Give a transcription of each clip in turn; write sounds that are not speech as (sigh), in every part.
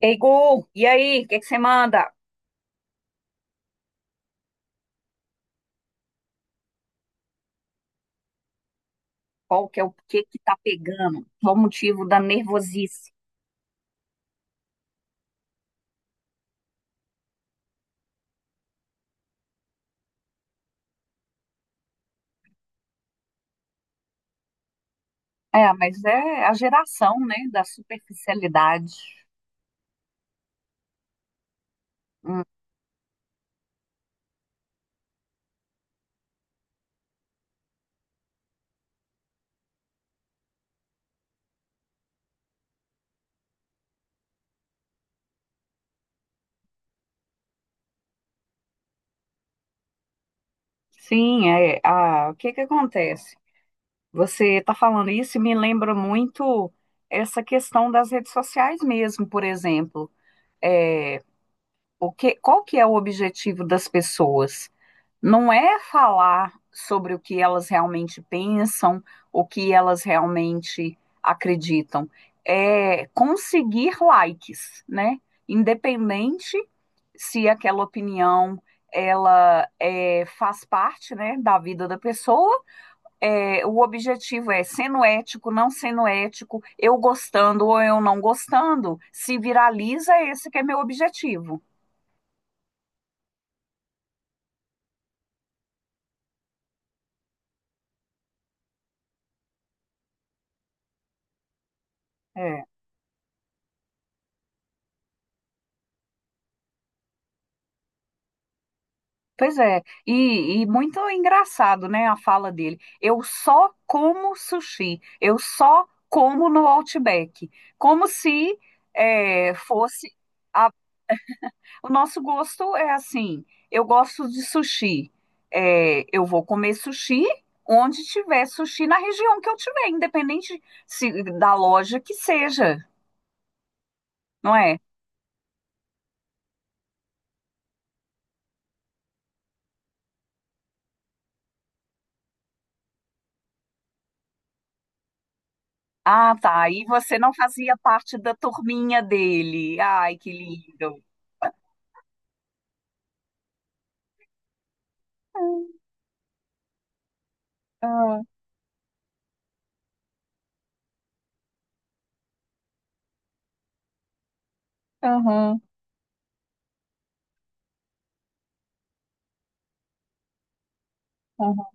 Ei, Gu, e aí, o que que você manda? Qual que é o que que tá pegando? Qual o motivo da nervosice? É, mas é a geração, né, da superficialidade. Hum, sim, é, o que que acontece? Você tá falando isso e me lembra muito essa questão das redes sociais mesmo, por exemplo. É, qual que é o objetivo das pessoas? Não é falar sobre o que elas realmente pensam, o que elas realmente acreditam, é conseguir likes, né? Independente se aquela opinião faz parte, né, da vida da pessoa. É, o objetivo é sendo ético, não sendo ético, eu gostando ou eu não gostando, se viraliza esse que é meu objetivo. É. Pois é, e muito engraçado, né, a fala dele. Eu só como sushi, eu só como no Outback. Como se fosse. a- O nosso gosto é assim: eu gosto de sushi, eu vou comer sushi onde tiver sushi na região que eu tiver, independente se, da loja que seja, não é? Ah, tá. E você não fazia parte da turminha dele. Ai, que lindo. Ah, aham. Aham.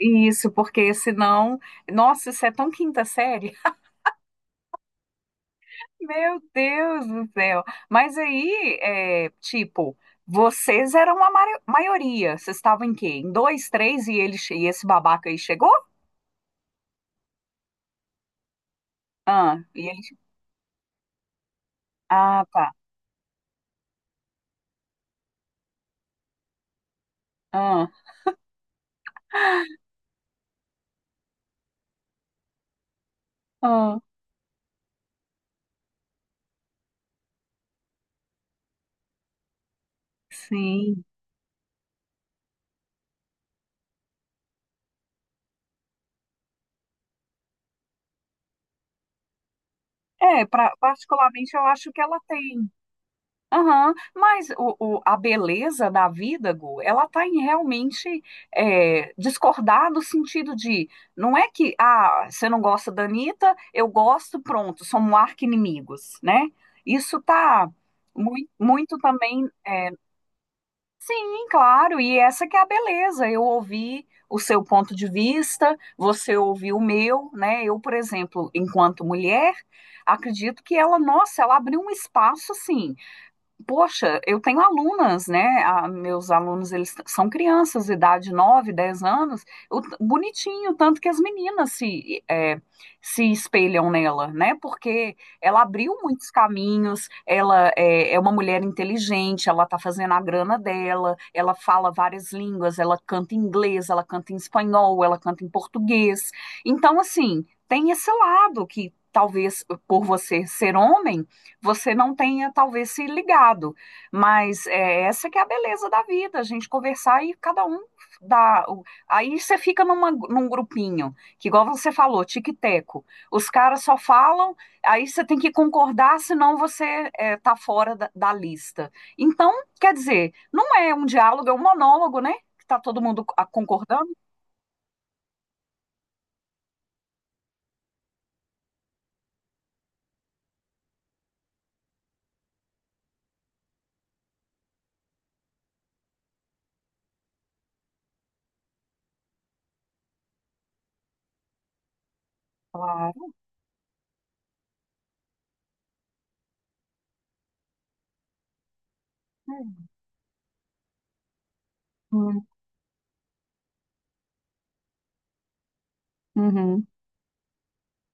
Isso, porque senão, nossa, isso é tão quinta série. (laughs) Meu Deus do céu. Mas aí, é, tipo, vocês eram a maioria. Vocês estavam em quê? Em dois, três e e esse babaca aí chegou? Ah, e ele. Ah, tá. Ah, ah, sim. É, particularmente eu acho que ela tem. Aham, mas a beleza da vida, Gu, ela está em realmente discordar do sentido de não é que ah, você não gosta da Anitta, eu gosto, pronto, somos arqui-inimigos, né? Isso tá muito, muito também. Sim, claro, e essa que é a beleza. Eu ouvi o seu ponto de vista, você ouviu o meu, né? Eu, por exemplo, enquanto mulher, acredito que ela, nossa, ela abriu um espaço assim. Poxa, eu tenho alunas, né? Meus alunos, são crianças, de idade 9, 10 anos. Bonitinho, tanto que as meninas se espelham nela, né? Porque ela abriu muitos caminhos, ela é uma mulher inteligente, ela tá fazendo a grana dela, ela fala várias línguas, ela canta em inglês, ela canta em espanhol, ela canta em português. Então, assim, tem esse lado que talvez por você ser homem você não tenha talvez se ligado, mas essa que é a beleza da vida, a gente conversar e cada um dá. Aí você fica num grupinho, que igual você falou, tique-teco. Os caras só falam, aí você tem que concordar, senão você tá fora da lista. Então, quer dizer, não é um diálogo, é um monólogo, né? Que tá todo mundo concordando. Claro. Hum. Uhum.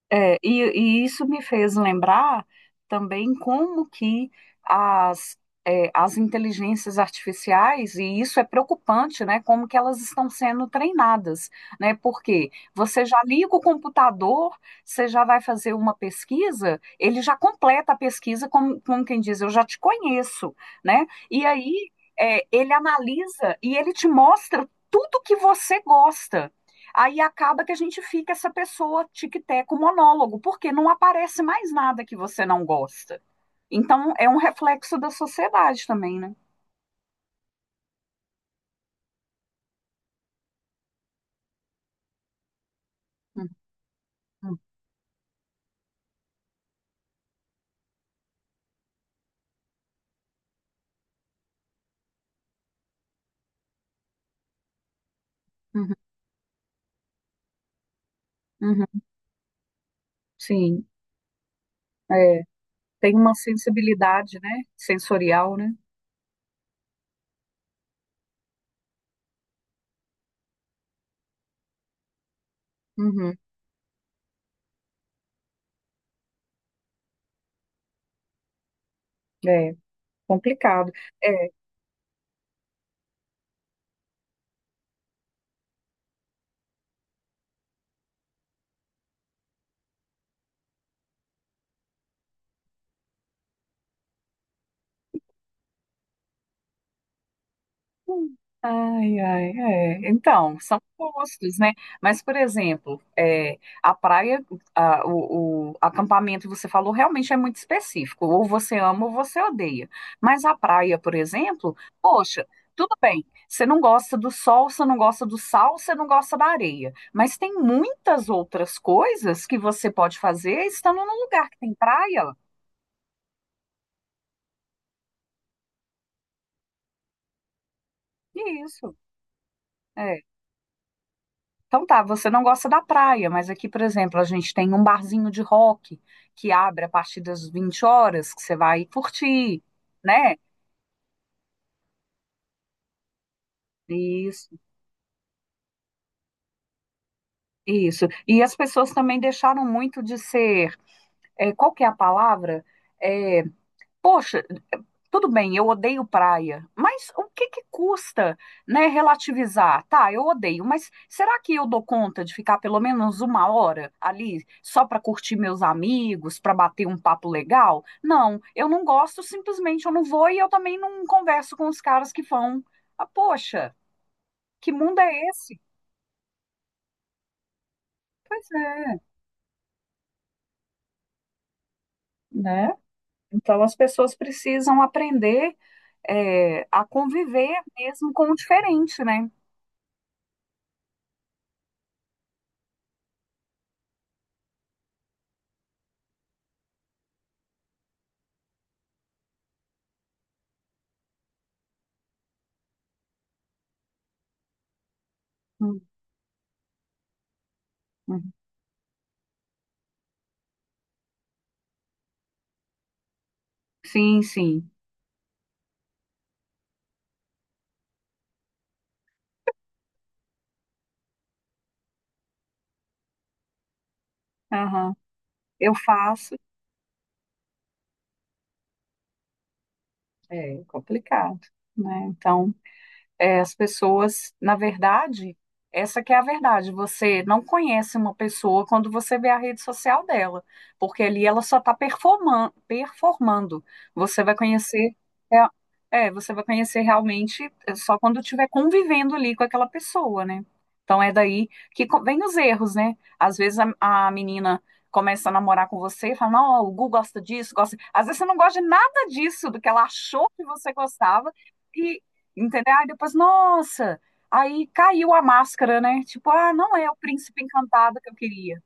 É, e isso me fez lembrar também como que as, as inteligências artificiais, e isso é preocupante, né? Como que elas estão sendo treinadas, né? Porque você já liga o computador, você já vai fazer uma pesquisa, ele já completa a pesquisa, como quem diz, eu já te conheço, né? E aí, ele analisa e ele te mostra tudo que você gosta. Aí acaba que a gente fica essa pessoa tic-teco monólogo, porque não aparece mais nada que você não gosta. Então é um reflexo da sociedade também, né? Uhum, uhum, uhum. Sim, é, tem uma sensibilidade, né? Sensorial, né? Uhum, é complicado. É. Ai, ai, é. Então, são postos, né? Mas, por exemplo, é, a praia, a- o acampamento, você falou, realmente é muito específico. Ou você ama ou você odeia. Mas a praia, por exemplo, poxa, tudo bem. Você não gosta do sol, você não gosta do sal, você não gosta da areia. Mas tem muitas outras coisas que você pode fazer estando num lugar que tem praia. Isso, é. Então tá, você não gosta da praia, mas aqui, por exemplo, a gente tem um barzinho de rock que abre a partir das 20 horas, que você vai curtir, né? Isso, isso. E as pessoas também deixaram muito de ser, qual que é a palavra? É, poxa, tudo bem, eu odeio praia, mas o que que custa, né, relativizar? Tá, eu odeio, mas será que eu dou conta de ficar pelo menos uma hora ali só para curtir meus amigos, para bater um papo legal? Não, eu não gosto, simplesmente eu não vou e eu também não converso com os caras que vão. Ah, poxa, que mundo é esse? Pois é, né? Então as pessoas precisam aprender a conviver mesmo com o diferente, né? Hum, hum. Sim, sim. Aham. Eu faço, é complicado, né? Então, as pessoas, na verdade, essa que é a verdade. Você não conhece uma pessoa quando você vê a rede social dela, porque ali ela só está performando, performando. Você vai conhecer, é, você vai conhecer realmente só quando estiver convivendo ali com aquela pessoa, né? Então é daí que vem os erros, né? Às vezes a menina começa a namorar com você e fala, não, o Gu gosta disso, gosta. Às vezes você não gosta de nada disso, do que ela achou que você gostava. E, Entendeu? Aí depois, nossa, aí caiu a máscara, né? Tipo, ah, não é o príncipe encantado que eu queria,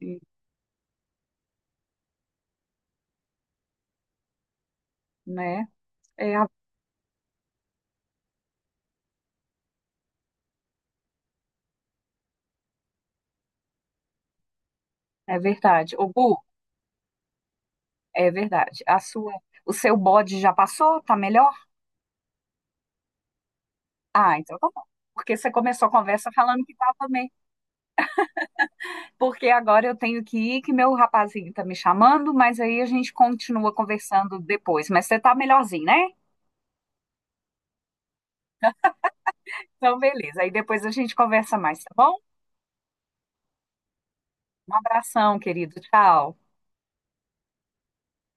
e, né? É, é verdade. Ô, Bu, é verdade. O seu bode já passou? Tá melhor? Ah, então tá bom. Porque você começou a conversa falando que tava meio. Porque agora eu tenho que ir, que meu rapazinho tá me chamando, mas aí a gente continua conversando depois. Mas você tá melhorzinho, né? Então, beleza. Aí depois a gente conversa mais, tá bom? Um abração, querido. Tchau.